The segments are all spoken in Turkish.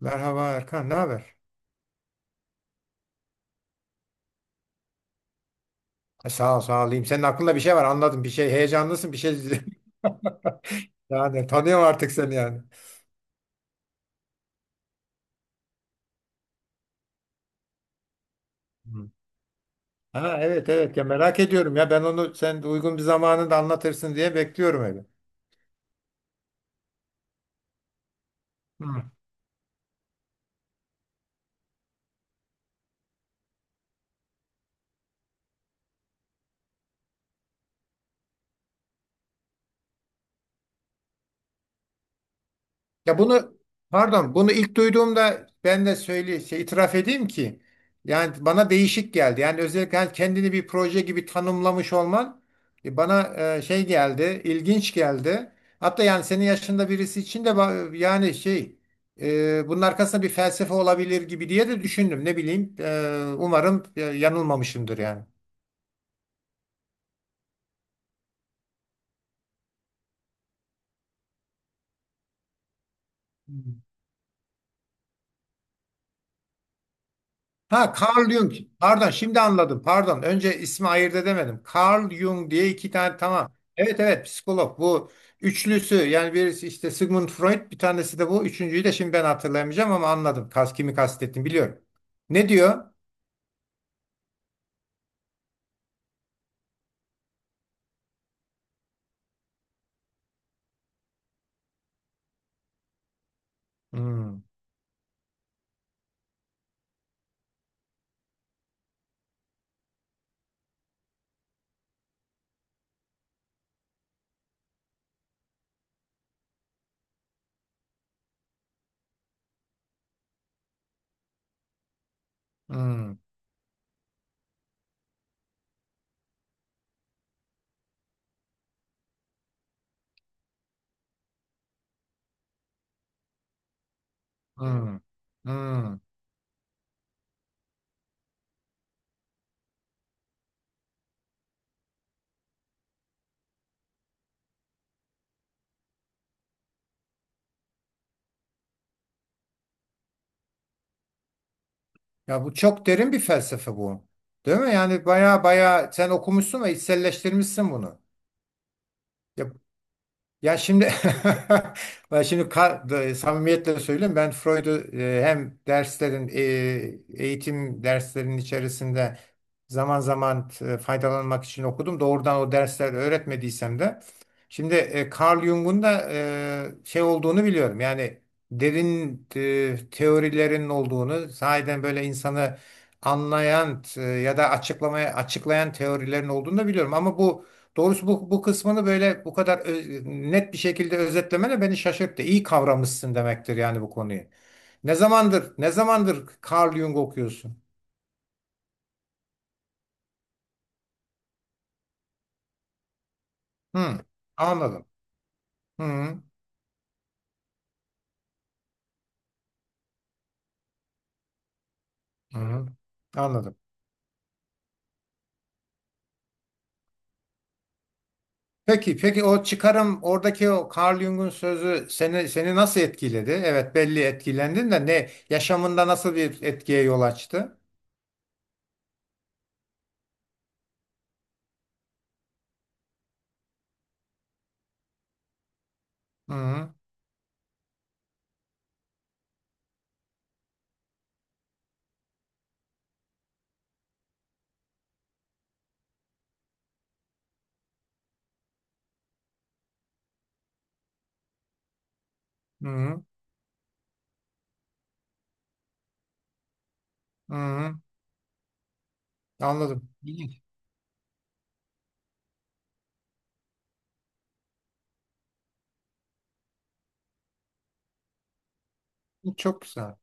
Merhaba Erkan, ne haber? Sağ ol, sağ olayım. Senin aklında bir şey var, anladım. Bir şey heyecanlısın, bir şey. Yani tanıyorum artık seni yani. Hı. Ha, evet, evet, ya merak ediyorum ya, ben onu sen uygun bir zamanında anlatırsın diye bekliyorum öyle. Hı. Ya bunu Pardon, bunu ilk duyduğumda ben de söyle şey, itiraf edeyim ki yani bana değişik geldi. Yani özellikle hani kendini bir proje gibi tanımlamış olman bana şey geldi, ilginç geldi. Hatta yani senin yaşında birisi için de yani şey, bunun arkasında bir felsefe olabilir gibi diye de düşündüm. Ne bileyim, umarım yanılmamışımdır yani. Ha, Carl Jung. Pardon, şimdi anladım. Pardon. Önce ismi ayırt edemedim. Carl Jung diye iki tane, tamam. Evet, evet, psikolog bu üçlüsü, yani birisi işte Sigmund Freud, bir tanesi de bu. Üçüncüyü de şimdi ben hatırlayamayacağım ama anladım. Kas, kimi kastettim biliyorum. Ne diyor? Hmm. Hmm. Hmm. Hmm. Ya bu çok derin bir felsefe bu. Değil mi? Yani baya baya sen okumuşsun ve içselleştirmişsin bunu. Ya Şimdi ben şimdi samimiyetle söyleyeyim, ben Freud'u, hem derslerin eğitim derslerinin içerisinde zaman zaman faydalanmak için okudum. Doğrudan o dersler öğretmediysem de şimdi Carl Jung'un da şey olduğunu biliyorum. Yani derin teorilerin olduğunu, sahiden böyle insanı anlayan, ya da açıklayan teorilerin olduğunu da biliyorum ama doğrusu bu kısmını böyle bu kadar net bir şekilde özetlemene beni şaşırttı. İyi kavramışsın demektir yani bu konuyu. Ne zamandır Carl Jung okuyorsun? Hı, anladım. Hı. Hı, anladım. Peki, peki o çıkarım, oradaki o Carl Jung'un sözü seni nasıl etkiledi? Evet, belli etkilendin de ne yaşamında nasıl bir etkiye yol açtı? Hı. Hı. Hı, anladım. İyi. Çok güzel.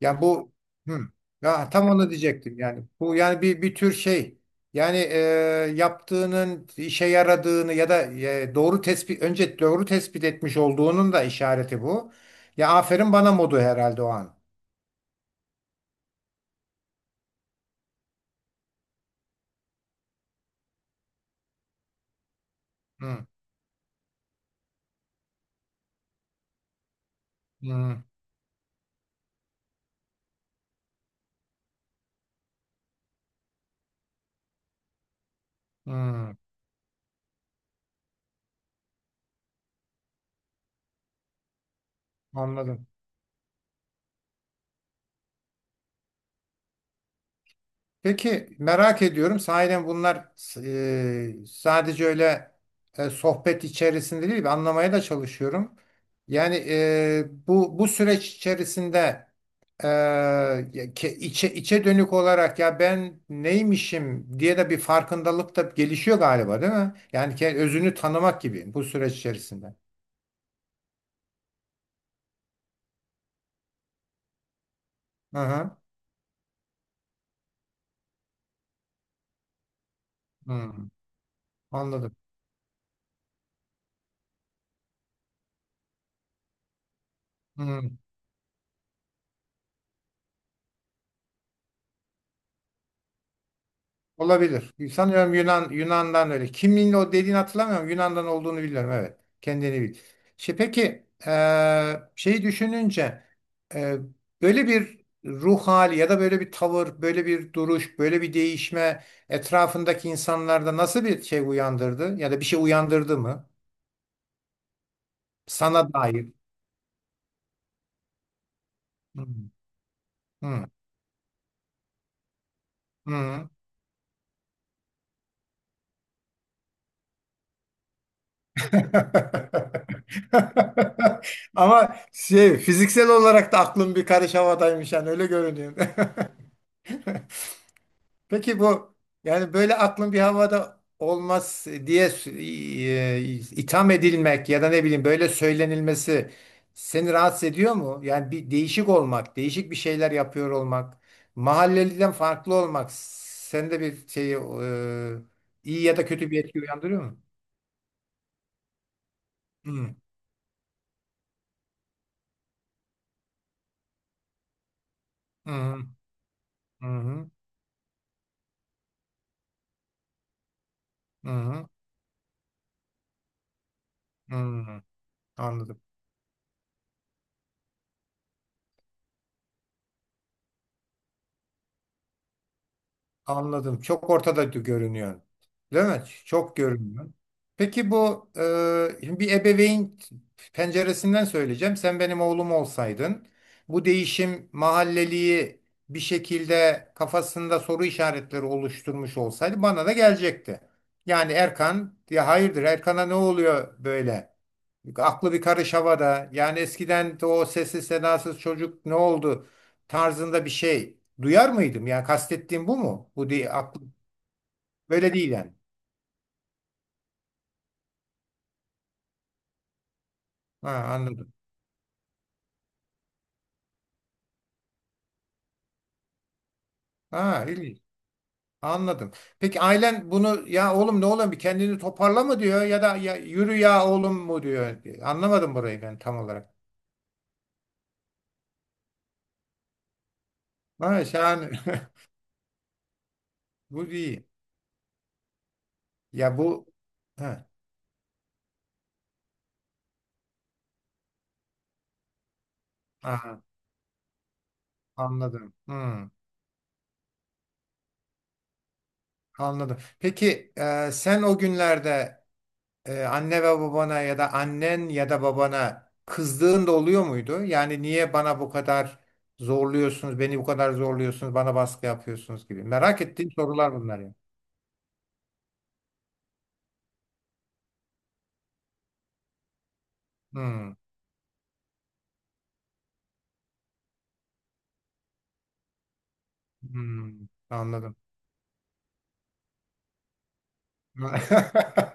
Ya bu hı, ya tam onu diyecektim yani. Bu yani bir tür şey. Yani, yaptığının işe yaradığını ya da, doğru tespit önce doğru tespit etmiş olduğunun da işareti bu. Ya aferin bana modu herhalde o an. Hı. Hı. Hı. Anladım. Peki, merak ediyorum sahiden bunlar, sadece öyle sohbet içerisinde değil, ben anlamaya da çalışıyorum. Yani, bu süreç içerisinde ya içe dönük olarak, ya ben neymişim diye de bir farkındalık da gelişiyor galiba, değil mi? Yani özünü tanımak gibi bu süreç içerisinde. Hı hı. Hı. Anladım. Hı. Olabilir. Sanıyorum Yunan'dan öyle. Kimliğin o dediğini hatırlamıyorum. Yunan'dan olduğunu biliyorum. Evet. Kendini bil. Şey, peki şeyi düşününce, eee, böyle bir ruh hali ya da böyle bir tavır, böyle bir duruş, böyle bir değişme etrafındaki insanlarda nasıl bir şey uyandırdı ya da bir şey uyandırdı mı? Sana dair. Hmm. Hmm. Hmm. Ama şey, fiziksel olarak da aklım bir karış havadaymış yani, öyle görünüyor. Peki bu, yani böyle aklın bir havada olmaz diye itham edilmek ya da ne bileyim böyle söylenilmesi seni rahatsız ediyor mu? Yani bir değişik olmak, değişik bir şeyler yapıyor olmak, mahalleliden farklı olmak sende bir şeyi, iyi ya da kötü bir etki uyandırıyor mu? Hı hı hı hı hı hı. Anladım. Anladım. Çok ortada görünüyor. Değil mi? Çok görünüyor. Peki bu, şimdi bir ebeveyn penceresinden söyleyeceğim. Sen benim oğlum olsaydın bu değişim mahalleliği bir şekilde kafasında soru işaretleri oluşturmuş olsaydı bana da gelecekti. Yani Erkan, ya hayırdır, Erkan'a ne oluyor böyle? Aklı bir karış havada. Yani eskiden de o sessiz sedasız çocuk ne oldu tarzında bir şey duyar mıydım? Yani kastettiğim bu mu? Bu değil. Aklım böyle değil yani. Ha, anladım. Ha, ilginç. Anladım. Peki ailen bunu, ya oğlum ne oğlum bir kendini toparla mı diyor, ya da ya yürü ya oğlum mu diyor. Anlamadım burayı ben tam olarak. Ha, şahane. Bu iyi. Ya bu ha, aha, anladım. Hmm, anladım. Peki, sen o günlerde anne ve babana ya da annen ya da babana kızdığın da oluyor muydu? Yani niye bana bu kadar zorluyorsunuz, bana baskı yapıyorsunuz gibi. Merak ettiğim sorular bunlar ya. Hmm. Hmm, anladım.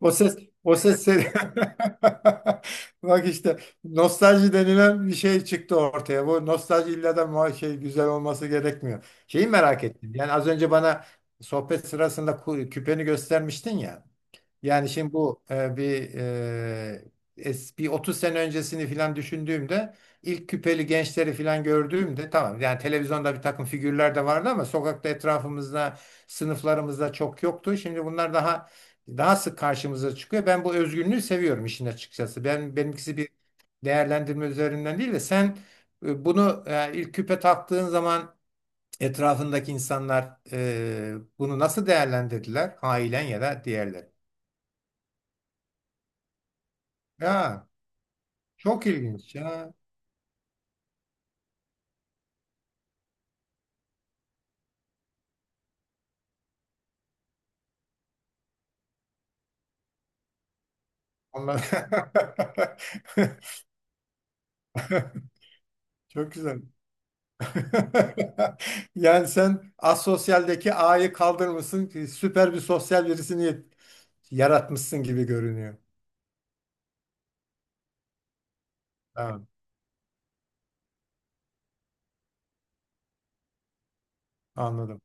O ses, o ses seni... Bak işte, nostalji denilen bir şey çıktı ortaya. Bu nostalji illa da şey, güzel olması gerekmiyor. Şeyi merak ettim. Yani az önce bana sohbet sırasında küpeni göstermiştin ya. Yani şimdi bu, bir 30 sene öncesini filan düşündüğümde ilk küpeli gençleri filan gördüğümde, tamam yani televizyonda bir takım figürler de vardı ama sokakta etrafımızda, sınıflarımızda çok yoktu. Şimdi bunlar daha sık karşımıza çıkıyor. Ben bu özgünlüğü seviyorum işin açıkçası. Benimkisi bir değerlendirme üzerinden değil de sen bunu, ilk küpe taktığın zaman etrafındaki insanlar bunu nasıl değerlendirdiler? Ailen ya da diğerleri. Ya, çok ilginç ya. Onlar... Çok güzel. Yani sen asosyaldeki A'yı kaldırmışsın, süper bir sosyal birisini yaratmışsın gibi görünüyor. Tamam, anladım.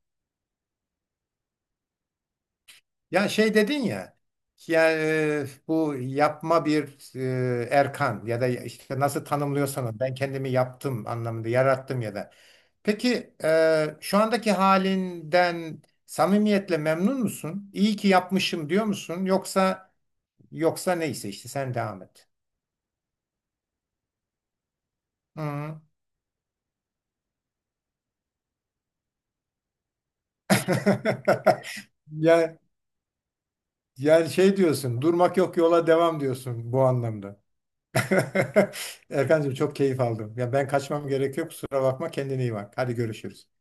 Ya şey dedin ya, yani, bu yapma bir Erkan ya da işte nasıl tanımlıyorsan onu, ben kendimi yaptım anlamında, yarattım ya da. Peki, şu andaki halinden samimiyetle memnun musun? İyi ki yapmışım diyor musun? Yoksa neyse işte sen devam et. Hı. Ya yani şey diyorsun, durmak yok yola devam diyorsun bu anlamda. Erkancığım, çok keyif aldım. Ya ben kaçmam gerekiyor. Kusura bakma. Kendine iyi bak. Hadi görüşürüz.